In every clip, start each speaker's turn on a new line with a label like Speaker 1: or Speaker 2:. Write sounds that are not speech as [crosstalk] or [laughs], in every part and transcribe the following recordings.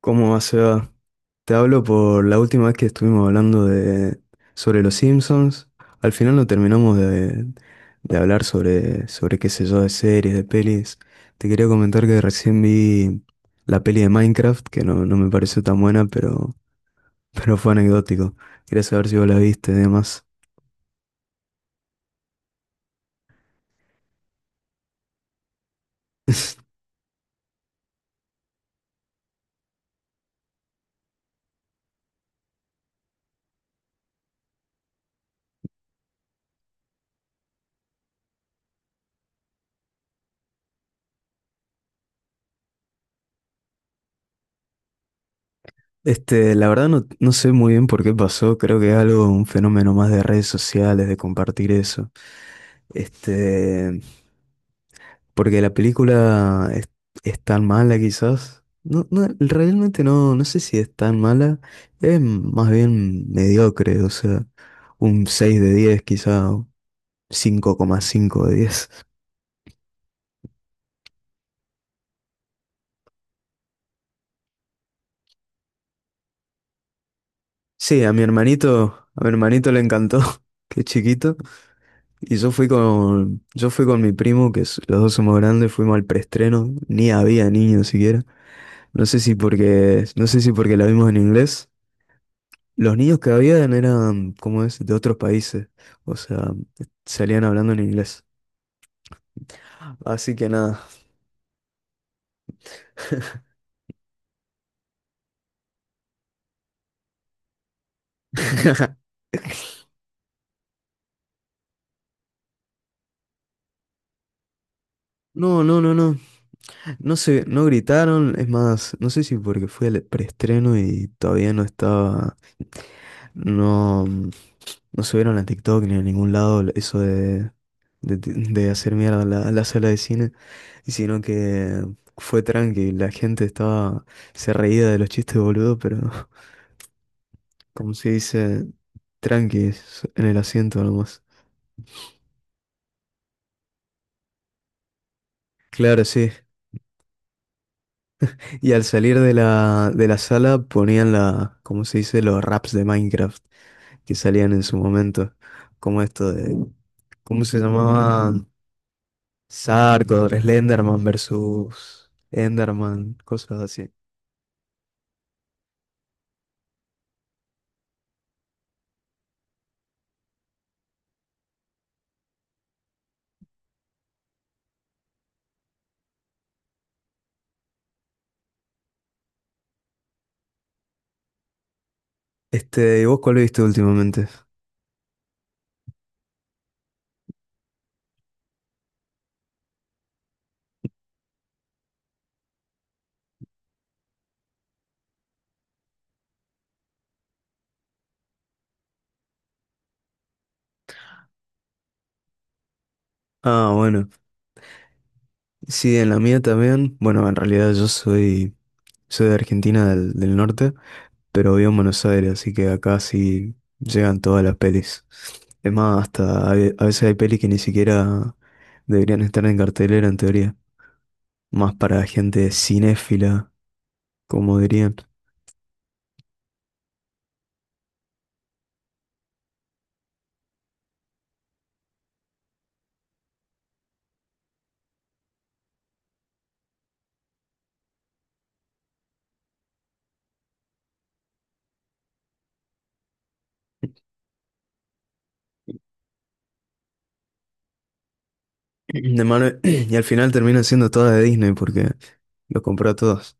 Speaker 1: ¿Cómo va, Seba? Te hablo por la última vez que estuvimos hablando sobre los Simpsons. Al final no terminamos de hablar sobre qué sé yo, de series, de pelis. Te quería comentar que recién vi la peli de Minecraft, que no me pareció tan buena, pero, [laughs] pero fue anecdótico. Quería saber si vos la viste y demás. [laughs] La verdad no sé muy bien por qué pasó. Creo que es algo, un fenómeno más de redes sociales, de compartir eso. Este. Porque la es tan mala quizás. No, no, realmente no sé si es tan mala. Es más bien mediocre, o sea, un 6 de 10, quizá, o 5,5 de 10. Sí, a mi hermanito le encantó, [laughs] que es chiquito. Y yo fui con mi primo, los dos somos grandes. Fuimos al preestreno, ni había niños siquiera. No sé si porque, no sé si porque la vimos en inglés. Los niños que habían eran, ¿cómo es?, de otros países. O sea, salían hablando en inglés. Así que nada. [laughs] No, no, no, no. No sé, no gritaron. Es más, no sé si porque fue el preestreno y todavía no estaba. No subieron a TikTok ni a ningún lado eso de hacer mierda a a la sala de cine. Y sino que fue tranqui. La gente estaba. Se reía de los chistes, boludo, pero. Como se dice, tranquis en el asiento nomás. Claro, sí. Y al salir de de la sala ponían la, como se dice, los raps de Minecraft que salían en su momento. Como esto de, ¿cómo se llamaba? Sarkor, Slenderman versus Enderman, cosas así. Este, ¿y vos cuál viste últimamente? Ah, bueno. Sí, en la mía también. Bueno, en realidad soy de Argentina del norte. Pero vivo en Buenos Aires, así que acá sí llegan todas las pelis. Es más, a veces hay pelis que ni siquiera deberían estar en cartelera en teoría, más para gente cinéfila, como dirían. [clears throat] Y al final terminan siendo todas de Disney porque los compró a todos.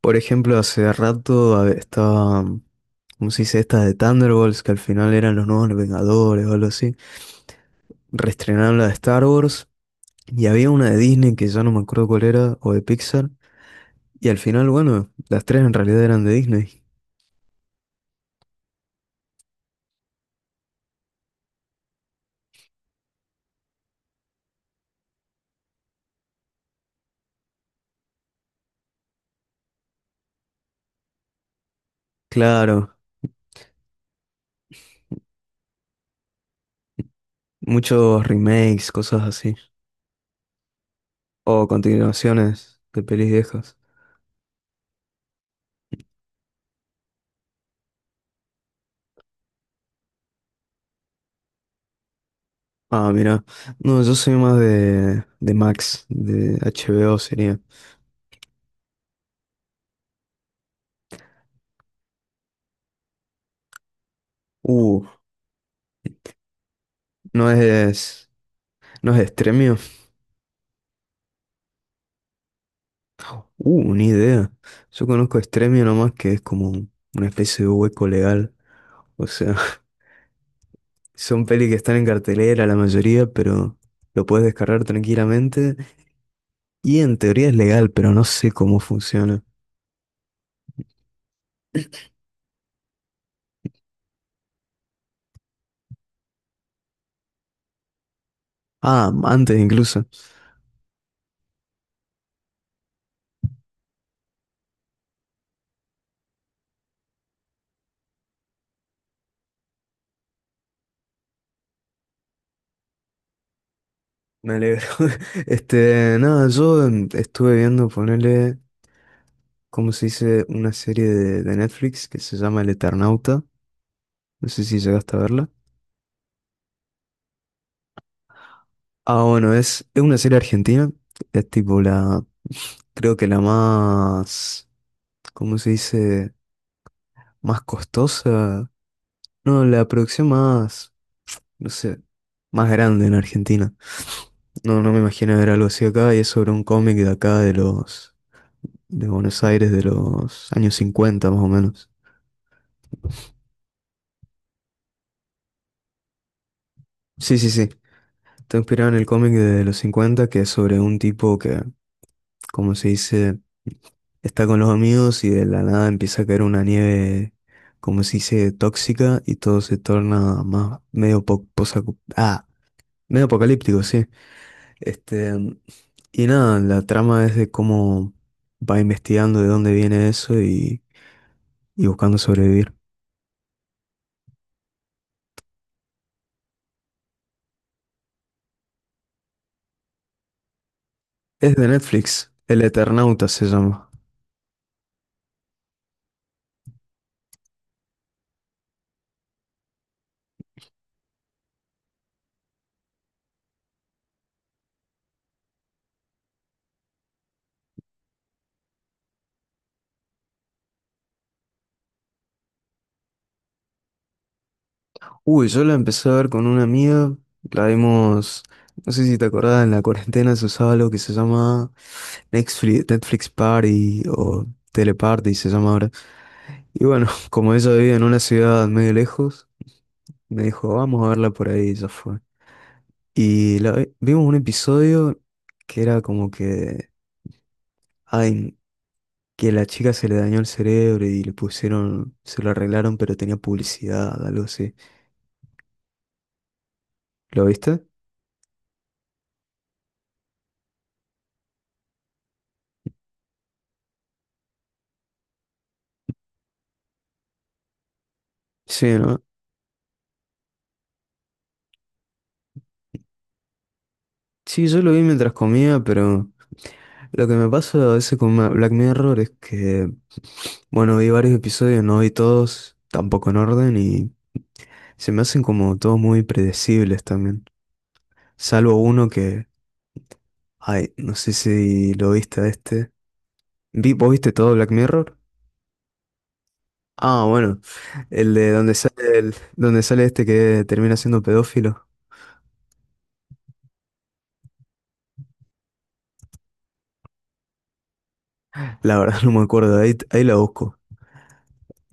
Speaker 1: Por ejemplo, estaba, ¿cómo se dice? Esta de Thunderbolts, que al final eran los nuevos Vengadores o algo así. Reestrenaron la de Star Wars y había una de Disney que ya no me acuerdo cuál era, o de Pixar. Y al final, bueno, las tres en realidad eran de Disney. Claro, muchos remakes, cosas así. O continuaciones de pelis viejas. Ah, mira. No, yo soy más de Max, de HBO sería. Uh, no es, no es Stremio. Ni idea. Yo conozco Extremio nomás, que es como una especie de hueco legal. O sea, [laughs] son pelis que están en cartelera la mayoría, pero lo puedes descargar tranquilamente. Y en teoría es legal, pero no sé cómo funciona. Ah, antes incluso. Me alegro. [laughs] Este, nada, yo estuve viendo ponerle, ¿cómo se dice? Una serie de Netflix que se llama El Eternauta. No sé si llegaste a verla. Ah, bueno, es una serie argentina. Es tipo la. Creo que la más, ¿cómo se dice? Más costosa. No, la producción más, no sé, más grande en Argentina. No, no me imagino ver algo así acá y es sobre un cómic de acá de Buenos Aires de los años 50 más o menos. Sí, sí, sí. Está inspirado en el cómic de los 50 que es sobre un tipo que, como se dice, está con los amigos y de la nada empieza a caer una nieve, como se dice, tóxica y todo se torna más ah, medio apocalíptico, sí. Este, y nada, la trama es de cómo va investigando de dónde viene eso y buscando sobrevivir. Es de Netflix, El Eternauta se llama. Uy, yo la empecé a ver con una amiga, la vimos, no sé si te acordás, en la cuarentena se usaba algo que se llama Netflix Party o Teleparty se llama ahora. Y bueno, [laughs] como ella vivía en una ciudad medio lejos, me dijo, vamos a verla por ahí, y ya fue. Y vimos un episodio que era como que, ay, que la chica se le dañó el cerebro y le pusieron, se lo arreglaron, pero tenía publicidad, algo así. ¿Lo viste? Sí, ¿no? Sí, yo lo vi mientras comía, pero lo que me pasa a veces con Black Mirror es que, bueno, vi varios episodios, no vi todos, tampoco en orden, y se me hacen como todos muy predecibles también. Salvo uno que, ay, no sé si lo viste a este. ¿Vos viste todo Black Mirror? Ah, bueno, el de donde sale, el, donde sale este que termina siendo pedófilo. La verdad [laughs] no me acuerdo, ahí, ahí la busco.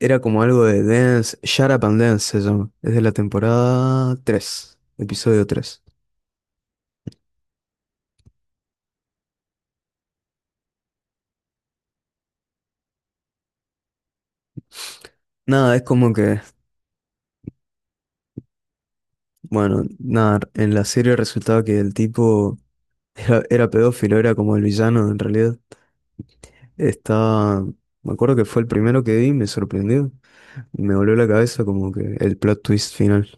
Speaker 1: Era como algo de Dance, Shut Up and Dance se llama. Es de la temporada 3, episodio 3. Nada, es como que, bueno, nada, en la serie resultaba que el tipo era pedófilo, era como el villano en realidad. Estaba, me acuerdo que fue el primero que vi, me sorprendió. Me voló la cabeza como que el plot twist final.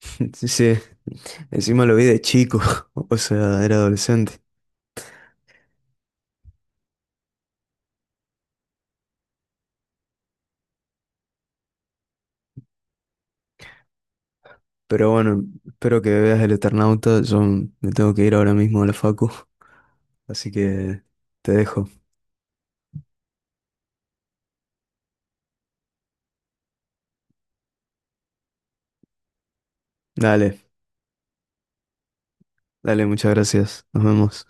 Speaker 1: [laughs] Sí, sí, encima lo vi de chico, [laughs] o sea, era adolescente. Pero bueno, espero que veas el Eternauta. Yo me tengo que ir ahora mismo a la facu, así que te dejo. Dale, dale, muchas gracias. Nos vemos.